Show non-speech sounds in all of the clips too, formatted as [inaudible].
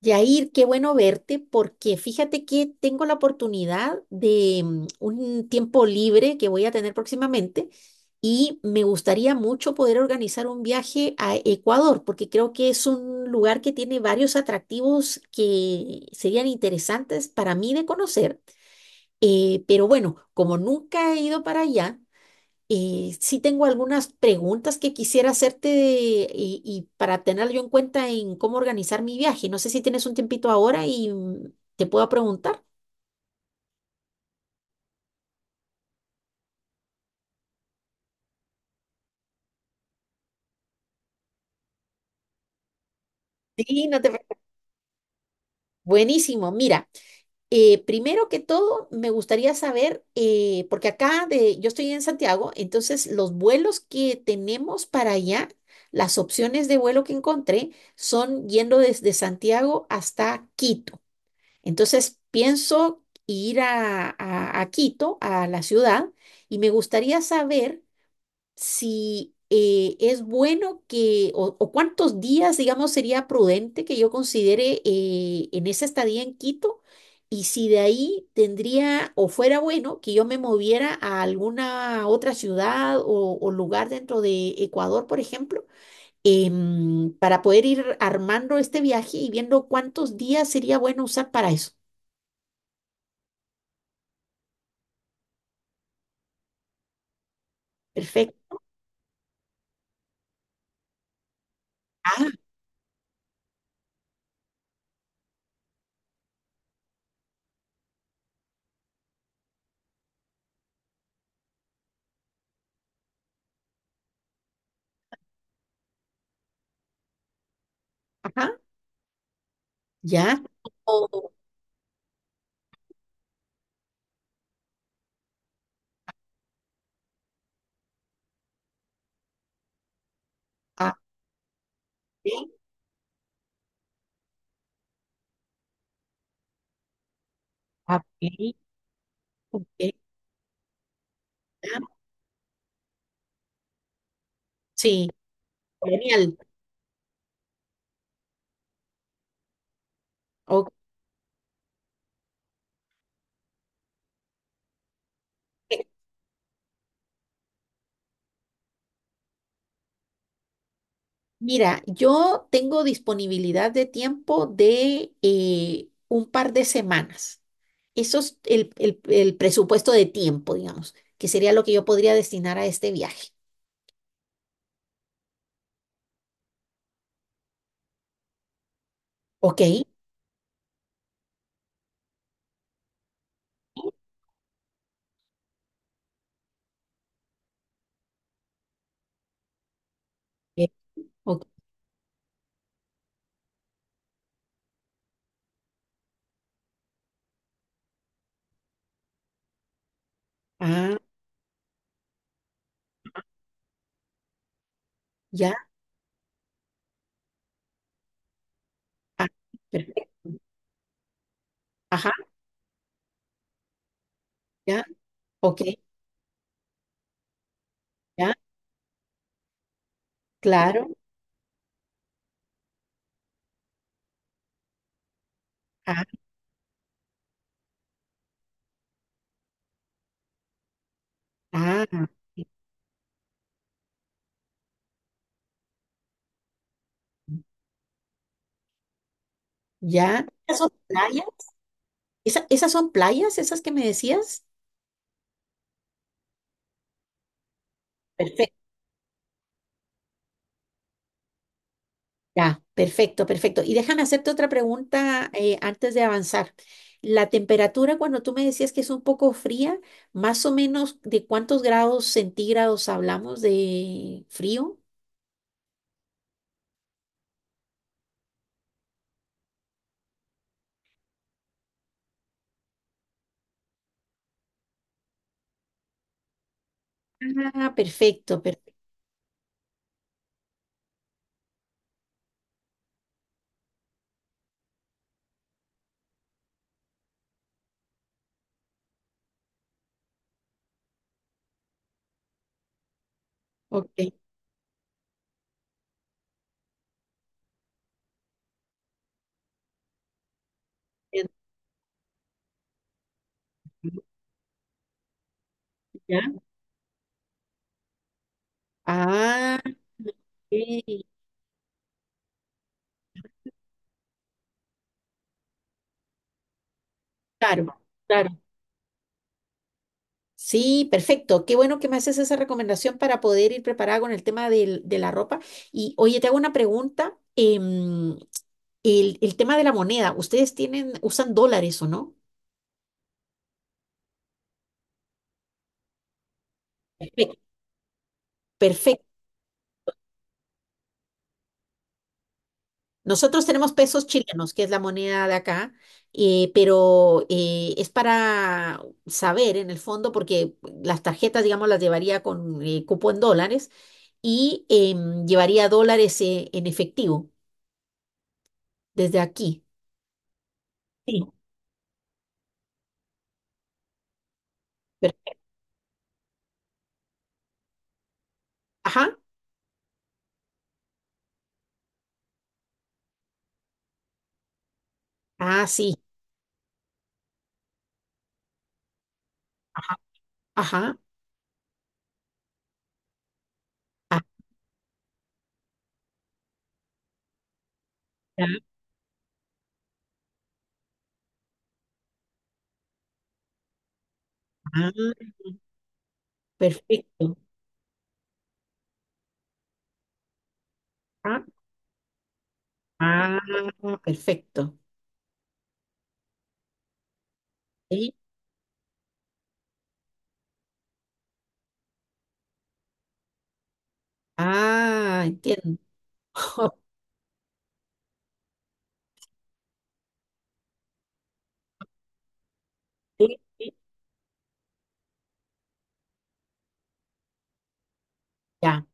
Yair, qué bueno verte porque fíjate que tengo la oportunidad de un tiempo libre que voy a tener próximamente y me gustaría mucho poder organizar un viaje a Ecuador porque creo que es un lugar que tiene varios atractivos que serían interesantes para mí de conocer. Pero bueno, como nunca he ido para allá. Sí tengo algunas preguntas que quisiera hacerte y para tenerlo yo en cuenta en cómo organizar mi viaje. No sé si tienes un tiempito ahora y te puedo preguntar. Sí, no te preocupes. Buenísimo. Mira, primero que todo, me gustaría saber, porque yo estoy en Santiago, entonces los vuelos que tenemos para allá, las opciones de vuelo que encontré son yendo desde Santiago hasta Quito. Entonces pienso ir a Quito, a la ciudad, y me gustaría saber si es bueno o cuántos días, digamos, sería prudente que yo considere en esa estadía en Quito, y si de ahí tendría o fuera bueno que yo me moviera a alguna otra ciudad o lugar dentro de Ecuador, por ejemplo, para poder ir armando este viaje y viendo cuántos días sería bueno usar para eso. Perfecto. Ah, ajá, ya. Oh, ah, ok, ah, ok, ok, ya. Sí, genial. Ok. Mira, yo tengo disponibilidad de tiempo de un par de semanas. Eso es el presupuesto de tiempo, digamos, que sería lo que yo podría destinar a este viaje. Ok. Eh, ok, ah, ya. Ah, perfecto. Ajá, ya. Ok, ya. Claro. Ah, ah, ya. ¿Esas son playas? ¿Esas son playas, esas que me decías? Perfecto, ya, perfecto, perfecto. Y déjame hacerte otra pregunta antes de avanzar. La temperatura, cuando tú me decías que es un poco fría, ¿más o menos de cuántos grados centígrados hablamos de frío? Ah, perfecto, perfecto. Ok. Entiendo. ¿Ya? Ah, ok, claro, claro. Sí, perfecto. Qué bueno que me haces esa recomendación para poder ir preparada con el tema de la ropa. Y oye, te hago una pregunta. El tema de la moneda, ¿ustedes tienen, usan dólares o no? Perfecto. Perfecto. Nosotros tenemos pesos chilenos, que es la moneda de acá, pero es para saber en el fondo, porque las tarjetas, digamos, las llevaría con cupo en dólares y llevaría dólares en efectivo desde aquí. Sí. Per- ajá. Ah, sí. Ajá, ajá. Ah, ya, ah, perfecto. Ah, ah, perfecto. Sí. Ah, entiendo. [laughs] Sí, sí, ya.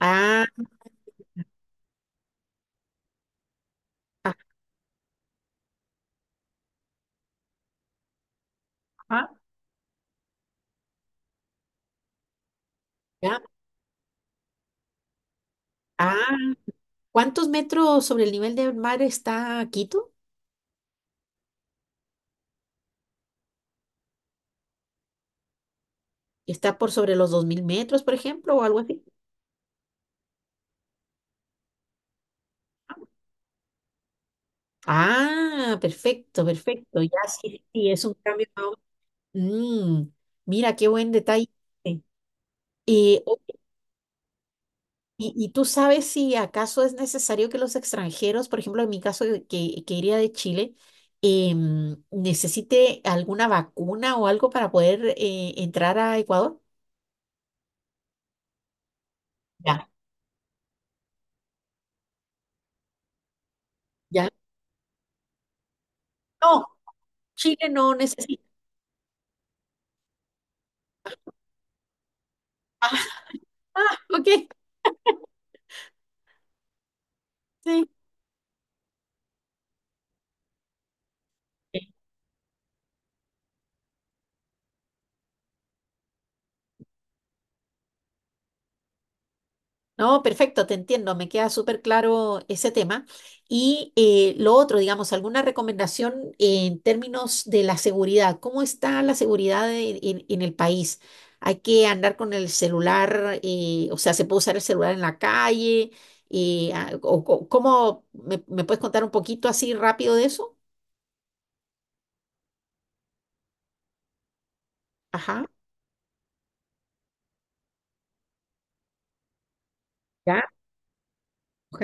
Ah, ajá, ya. Ah, ¿cuántos metros sobre el nivel del mar está Quito? ¿Está por sobre los 2000 metros, por ejemplo, o algo así? Ah, perfecto, perfecto. Ya sí, sí, sí, es un cambio. Más o- Mm, mira, qué buen detalle. Eh, ¿Y, y tú sabes si acaso es necesario que los extranjeros, por ejemplo, en mi caso que iría de Chile, necesite alguna vacuna o algo para poder entrar a Ecuador? Ya, ya. No, Chile no necesita. [laughs] Ah, ok, sí. No, perfecto, te entiendo, me queda súper claro ese tema. Y lo otro, digamos, alguna recomendación en términos de la seguridad. ¿Cómo está la seguridad en, en el país? ¿Hay que andar con el celular, o sea, se puede usar el celular en la calle? ¿Cómo me puedes contar un poquito así rápido de eso? Ajá, ya, ok.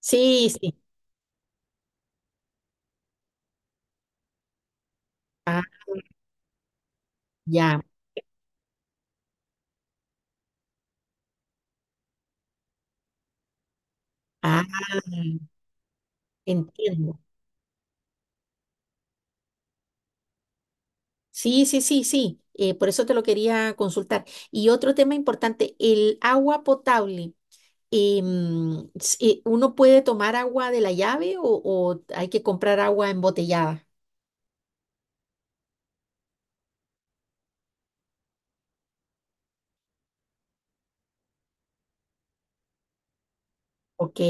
Sí, sí, ah, ya, ah, entiendo. Sí, sí, sí, sí. Por eso te lo quería consultar. Y otro tema importante, el agua potable. ¿Uno puede tomar agua de la llave o hay que comprar agua embotellada? Ok.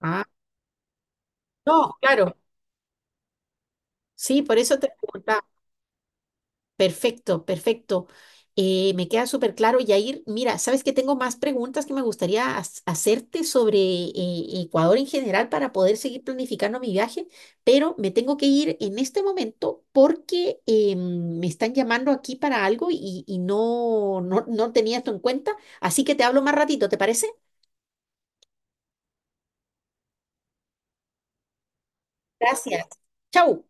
Ah, no, claro. Sí, por eso te preguntaba. Perfecto, perfecto. Me queda súper claro, Yair. Mira, sabes que tengo más preguntas que me gustaría hacerte sobre Ecuador en general para poder seguir planificando mi viaje, pero me tengo que ir en este momento porque me están llamando aquí para algo y no tenía esto en cuenta. Así que te hablo más ratito, ¿te parece? Gracias. Chau.